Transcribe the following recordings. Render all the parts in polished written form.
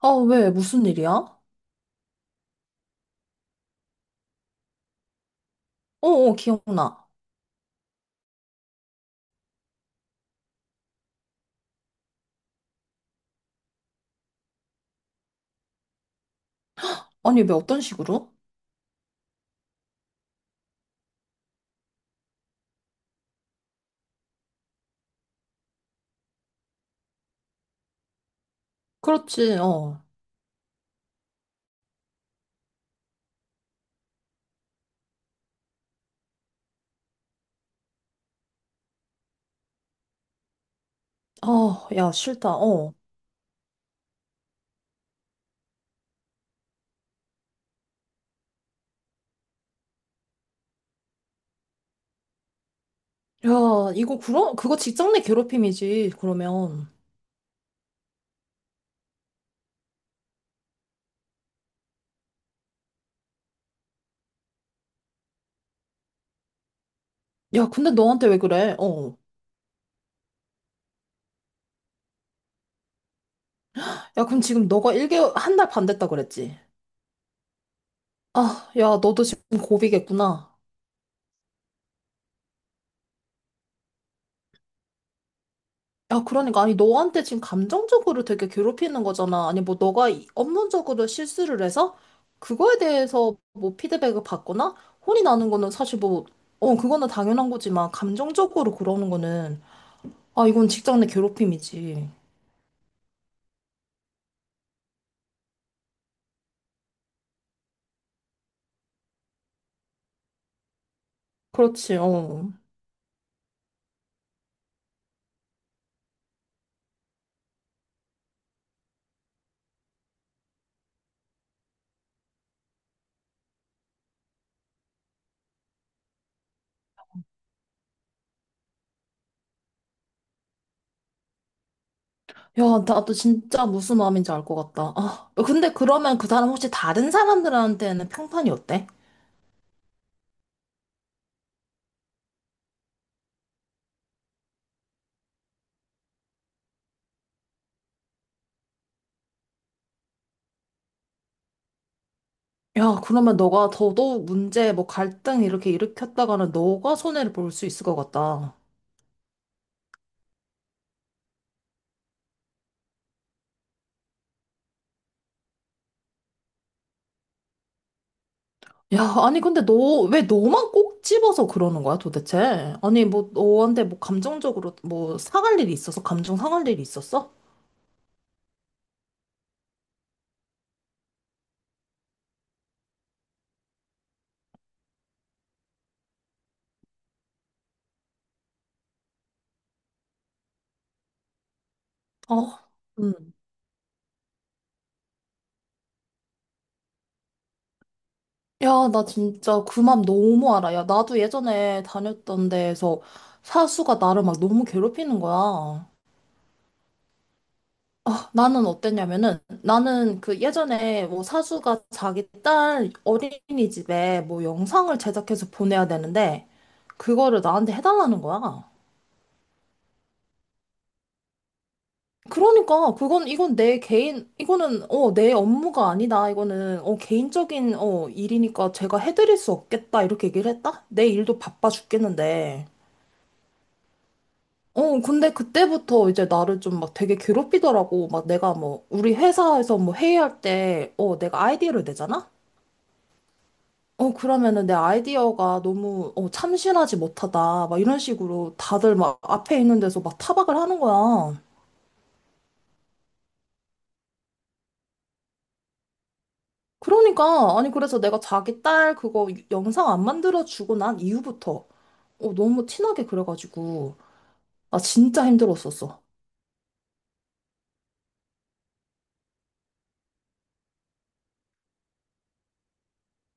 아, 왜? 무슨 일이야? 어, 어, 기억나. 아니, 왜 어떤 식으로? 그렇지, 어. 아, 야, 싫다, 어. 야, 이거, 그거 직장 내 괴롭힘이지, 그러면. 야, 근데 너한테 왜 그래? 어. 야, 그럼 지금 너가 1개월, 한 달 반 됐다 그랬지? 아, 야, 너도 지금 고비겠구나. 야, 그러니까, 아니, 너한테 지금 감정적으로 되게 괴롭히는 거잖아. 아니, 뭐, 너가 이- 업무적으로 실수를 해서 그거에 대해서 뭐 피드백을 받거나 혼이 나는 거는 사실 뭐, 어, 그거는 당연한 거지만, 감정적으로 그러는 거는, 아, 이건 직장 내 괴롭힘이지. 그렇지, 어. 야, 나도 진짜 무슨 마음인지 알 것 같다. 아, 근데 그러면 그 사람 혹시 다른 사람들한테는 평판이 어때? 야, 그러면 너가 더더욱 문제, 뭐 갈등 이렇게 일으켰다가는 너가 손해를 볼 수 있을 것 같다. 야, 아니, 근데 너, 왜 너만 꼭 집어서 그러는 거야, 도대체? 아니, 뭐, 너한테 뭐, 감정적으로, 뭐, 상할 일이 있어서? 감정 상할 일이 있었어? 어, 음. 야, 나 진짜 그 맘 너무 알아. 야, 나도 예전에 다녔던 데에서 사수가 나를 막 너무 괴롭히는 거야. 아, 나는 어땠냐면은, 나는 그 예전에 뭐, 사수가 자기 딸 어린이집에 뭐, 영상을 제작해서 보내야 되는데, 그거를 나한테 해달라는 거야. 그러니까 그건 이건 내 개인 이거는 어 내 업무가 아니다 이거는 어 개인적인 어 일이니까 제가 해드릴 수 없겠다 이렇게 얘기를 했다. 내 일도 바빠 죽겠는데 어 근데 그때부터 이제 나를 좀 막 되게 괴롭히더라고. 막 내가 뭐 우리 회사에서 뭐 회의할 때 어 내가 아이디어를 내잖아. 어 그러면은 내 아이디어가 너무 어 참신하지 못하다 막 이런 식으로 다들 막 앞에 있는 데서 막 타박을 하는 거야. 그러니까 아니 그래서 내가 자기 딸 그거 영상 안 만들어 주고 난 이후부터 어, 너무 티나게 그래가지고 나 진짜 힘들었었어.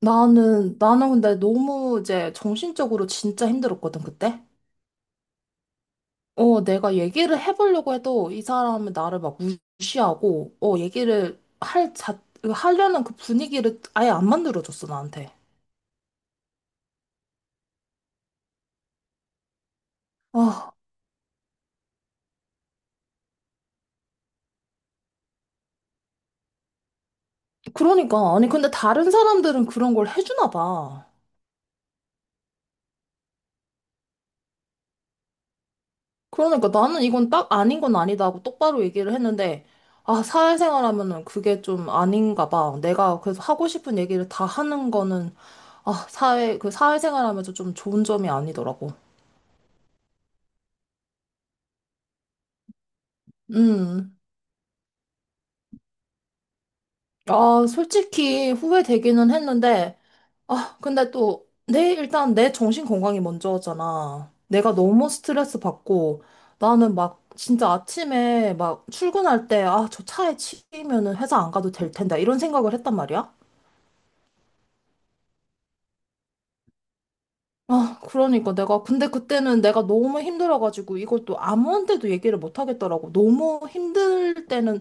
나는 근데 너무 이제 정신적으로 진짜 힘들었거든 그때. 어 내가 얘기를 해보려고 해도 이 사람은 나를 막 무시하고 어 얘기를 할 하려는 그 분위기를 아예 안 만들어줬어 나한테. 아 그러니까 아니 근데 다른 사람들은 그런 걸 해주나 봐. 그러니까 나는 이건 딱 아닌 건 아니다 하고 똑바로 얘기를 했는데, 아, 사회생활 하면은 그게 좀 아닌가 봐. 내가 그래서 하고 싶은 얘기를 다 하는 거는, 아, 사회, 그 사회생활 하면서 좀 좋은 점이 아니더라고. 음, 아, 솔직히 후회되기는 했는데, 아, 근데 또, 내, 일단 내 정신 건강이 먼저잖아. 내가 너무 스트레스 받고, 나는 막, 진짜 아침에 막 출근할 때, 아, 저 차에 치이면은 회사 안 가도 될 텐데, 이런 생각을 했단 말이야. 아, 그러니까 내가, 근데 그때는 내가 너무 힘들어가지고 이걸 또 아무한테도 얘기를 못 하겠더라고. 너무 힘들 때는,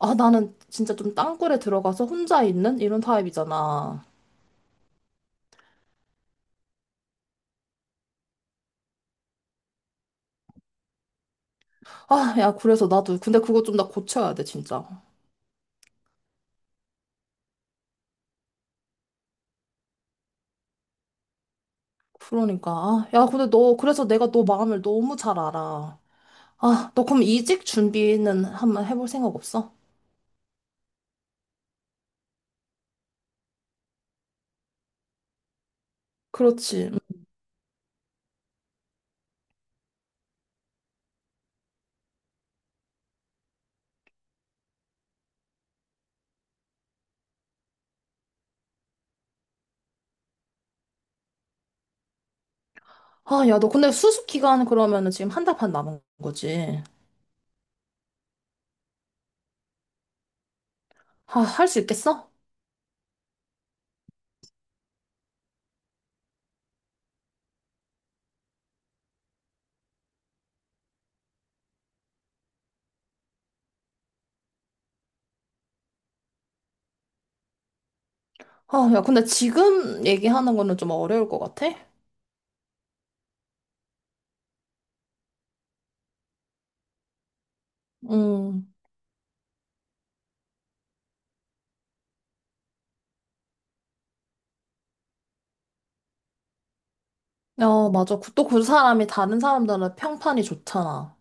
아, 나는 진짜 좀 땅굴에 들어가서 혼자 있는 이런 타입이잖아. 아, 야, 그래서 나도, 근데 그거 좀 나 고쳐야 돼, 진짜. 그러니까, 아, 야, 근데 너, 그래서 내가 너 마음을 너무 잘 알아. 아, 너 그럼 이직 준비는 한번 해볼 생각 없어? 그렇지. 음. 아, 야, 너 근데 수습 기간 그러면은 지금 한 달 반 남은 거지. 아, 할 수 있겠어? 아, 야, 근데 지금 얘기하는 거는 좀 어려울 것 같아? 음. 야, 맞아. 또 그 사람이 다른 사람들은 평판이 좋잖아.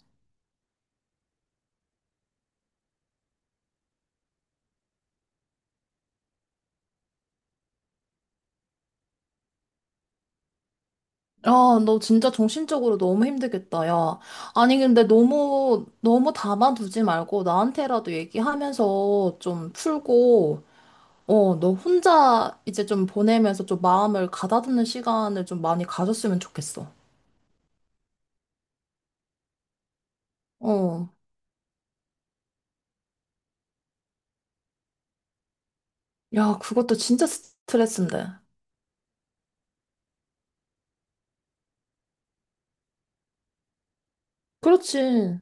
야, 너 진짜 정신적으로 너무 힘들겠다, 야. 아니, 근데 너무, 너무 담아두지 말고 나한테라도 얘기하면서 좀 풀고, 어, 너 혼자 이제 좀 보내면서 좀 마음을 가다듬는 시간을 좀 많이 가졌으면 좋겠어. 어. 야, 그것도 진짜 스트레스인데. 그렇지.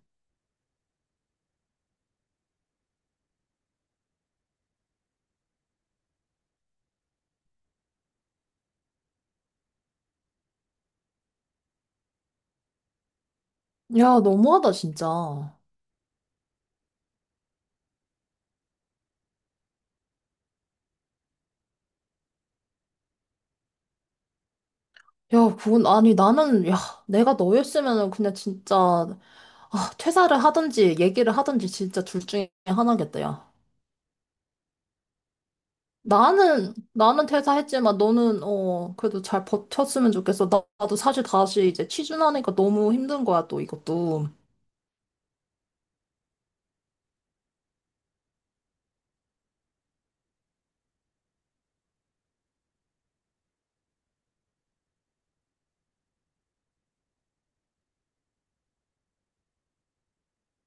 야, 너무하다, 진짜. 야, 그건, 아니, 나는, 야, 내가 너였으면은 그냥 진짜, 아, 퇴사를 하든지, 얘기를 하든지, 진짜 둘 중에 하나겠다, 야. 나는, 나는 퇴사했지만, 너는, 어, 그래도 잘 버텼으면 좋겠어. 나도 사실 다시 이제 취준하니까 너무 힘든 거야, 또 이것도.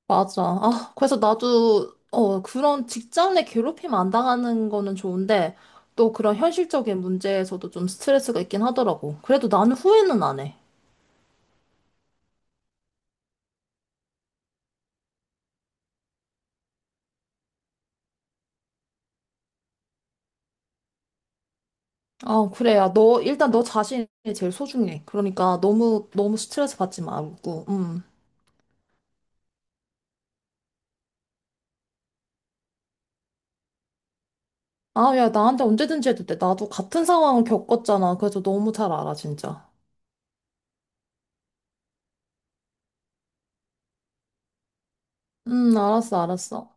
맞아. 아, 그래서 나도, 어, 그런 직장 내 괴롭힘 안 당하는 거는 좋은데, 또 그런 현실적인 문제에서도 좀 스트레스가 있긴 하더라고. 그래도 나는 후회는 안 해. 어, 그래. 야, 너, 일단 너 자신이 제일 소중해. 그러니까 너무, 너무 스트레스 받지 말고, 아, 야, 나한테 언제든지 해도 돼. 나도 같은 상황을 겪었잖아. 그래서 너무 잘 알아, 진짜. 알았어, 알았어.